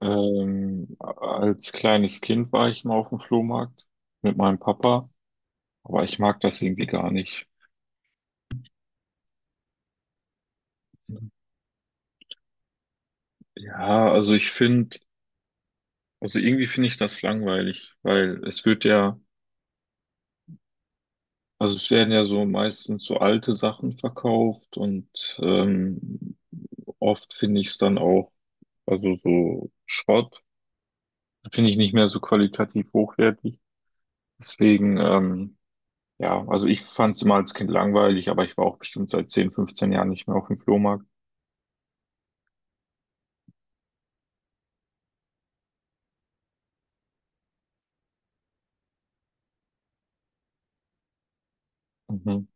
Als kleines Kind war ich mal auf dem Flohmarkt mit meinem Papa, aber ich mag das irgendwie gar nicht. Ja, also ich finde, also irgendwie finde ich das langweilig, weil es wird ja, also es werden ja so meistens so alte Sachen verkauft und ähm, oft finde ich es dann auch, also so Schrott, finde ich nicht mehr so qualitativ hochwertig. Deswegen, ja, also ich fand es immer als Kind langweilig, aber ich war auch bestimmt seit 10, 15 Jahren nicht mehr auf dem Flohmarkt. Mhm,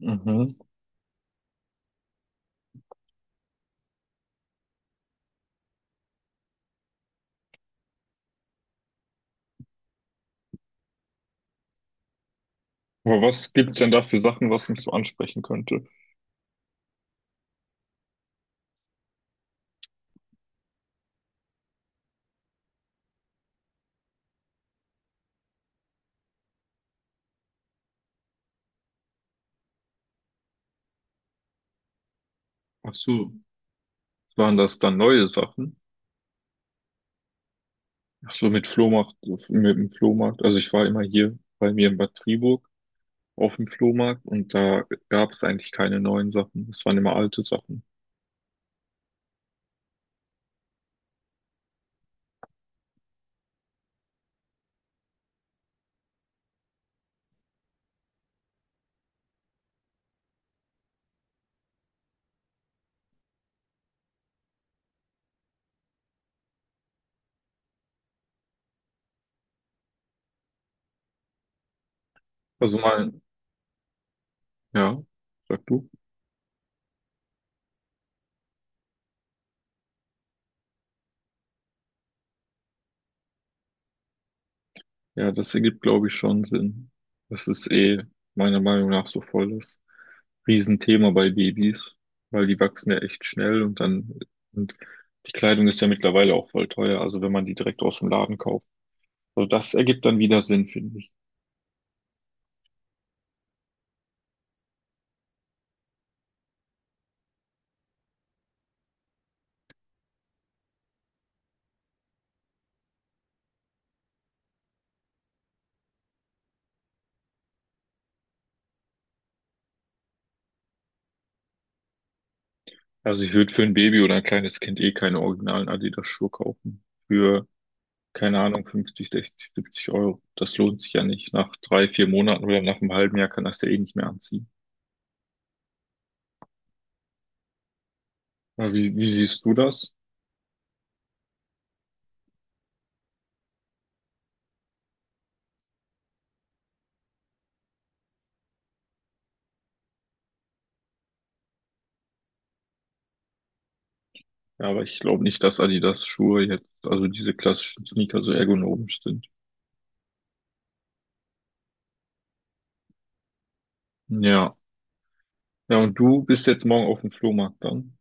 mhm. Aber was gibt's denn da für Sachen, was mich so ansprechen könnte? Ach so, waren das dann neue Sachen? Ach so, mit Flohmarkt, mit dem Flohmarkt. Also ich war immer hier bei mir in Bad Triburg auf dem Flohmarkt und da gab's eigentlich keine neuen Sachen. Es waren immer alte Sachen. Also mal, ja, sag du. Ja, das ergibt, glaube ich, schon Sinn. Das ist eh meiner Meinung nach so voll das Riesenthema bei Babys, weil die wachsen ja echt schnell und dann, und die Kleidung ist ja mittlerweile auch voll teuer, also wenn man die direkt aus dem Laden kauft. Also das ergibt dann wieder Sinn, finde ich. Also ich würde für ein Baby oder ein kleines Kind eh keine originalen Adidas-Schuhe kaufen. Für, keine Ahnung, 50, 60, 70 Euro. Das lohnt sich ja nicht. Nach drei, vier Monaten oder nach einem halben Jahr kann das ja eh nicht mehr anziehen. Aber wie siehst du das? Ja, aber ich glaube nicht, dass Adidas Schuhe jetzt, also diese klassischen Sneaker so ergonomisch sind. Ja. Ja, und du bist jetzt morgen auf dem Flohmarkt dann?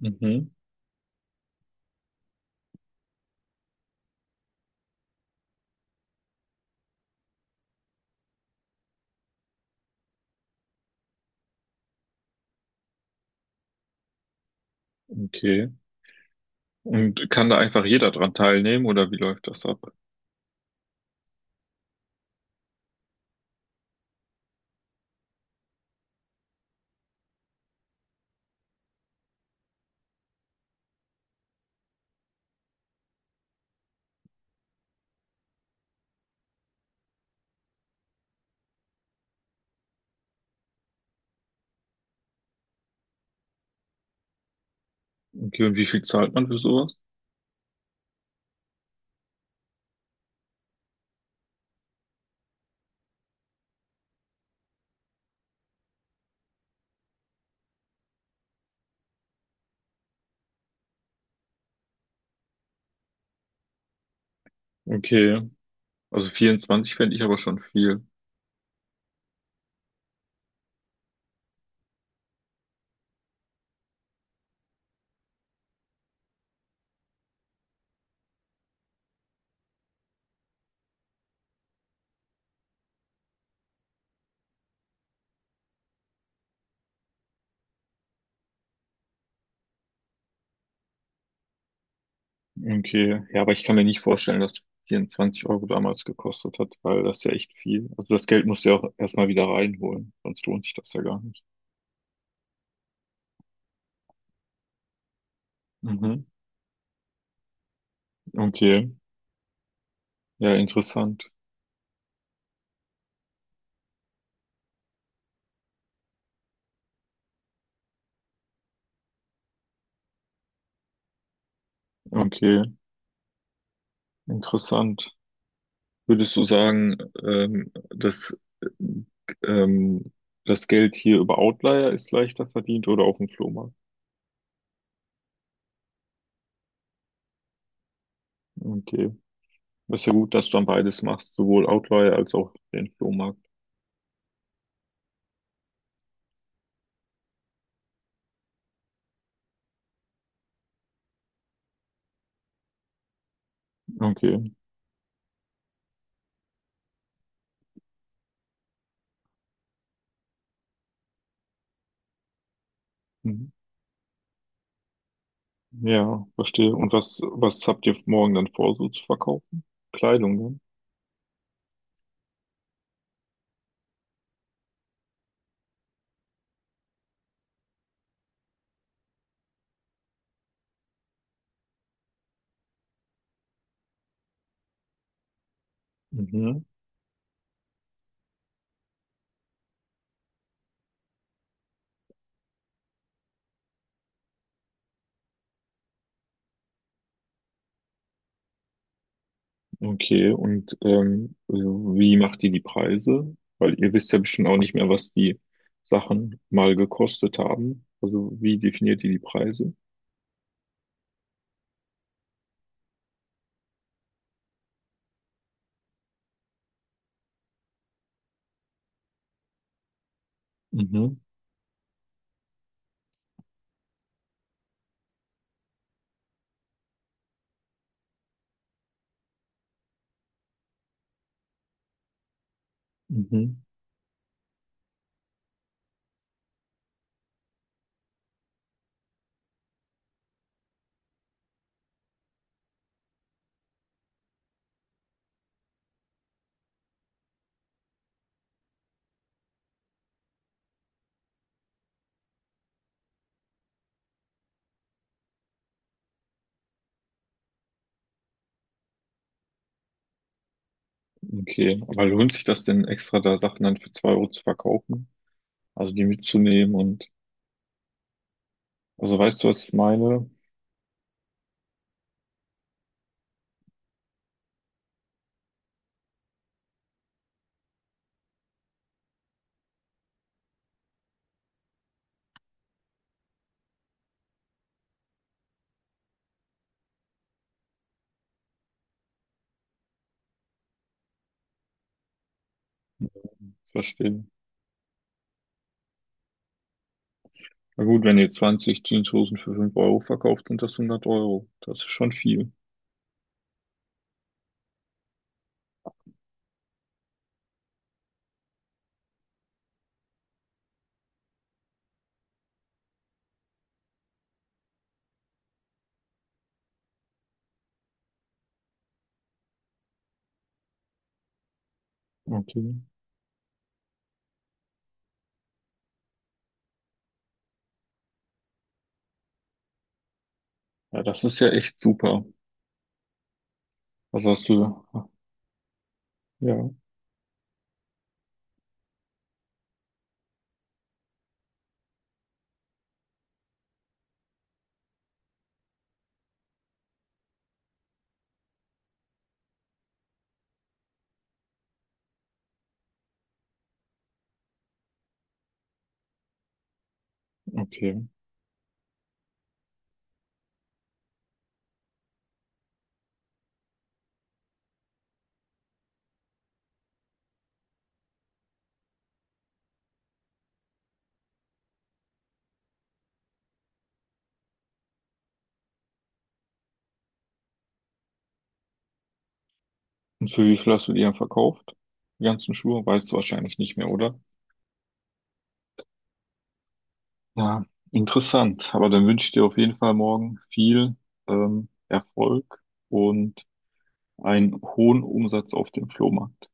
Mhm. Okay. Und kann da einfach jeder dran teilnehmen oder wie läuft das ab? Okay, und wie viel zahlt man für sowas? Okay. Also 24 fände ich aber schon viel. Okay. Ja, aber ich kann mir nicht vorstellen, dass 24 Euro damals gekostet hat, weil das ist ja echt viel. Also das Geld musst du ja auch erstmal wieder reinholen, sonst lohnt sich das ja gar nicht. Mhm. Okay. Ja, interessant. Okay. Interessant. Würdest du sagen, dass ähm, das Geld hier über Outlier ist leichter verdient oder auf dem Flohmarkt? Okay. Ist ja gut, dass du dann beides machst, sowohl Outlier als auch den Flohmarkt. Okay. Mhm. Ja, verstehe. Und was habt ihr morgen dann vor, so zu verkaufen? Kleidung, ne? Mhm. Okay, und wie macht ihr die Preise? Weil ihr wisst ja bestimmt auch nicht mehr, was die Sachen mal gekostet haben. Also wie definiert ihr die Preise? Mhm, mhm, okay. Aber lohnt sich das denn extra, da Sachen dann für 2 Euro zu verkaufen? Also die mitzunehmen also weißt du, was ich meine? Verstehe. Na gut, wenn ihr 20 Jeanshosen für 5 Euro verkauft, sind das 100 Euro. Das ist schon viel. Okay. Ja, das ist ja echt super. Also hast du, ja, okay. Und für wie viel hast du die dann verkauft? Die ganzen Schuhe? Weißt du wahrscheinlich nicht mehr, oder? Ja, interessant. Aber dann wünsche ich dir auf jeden Fall morgen viel Erfolg und einen hohen Umsatz auf dem Flohmarkt.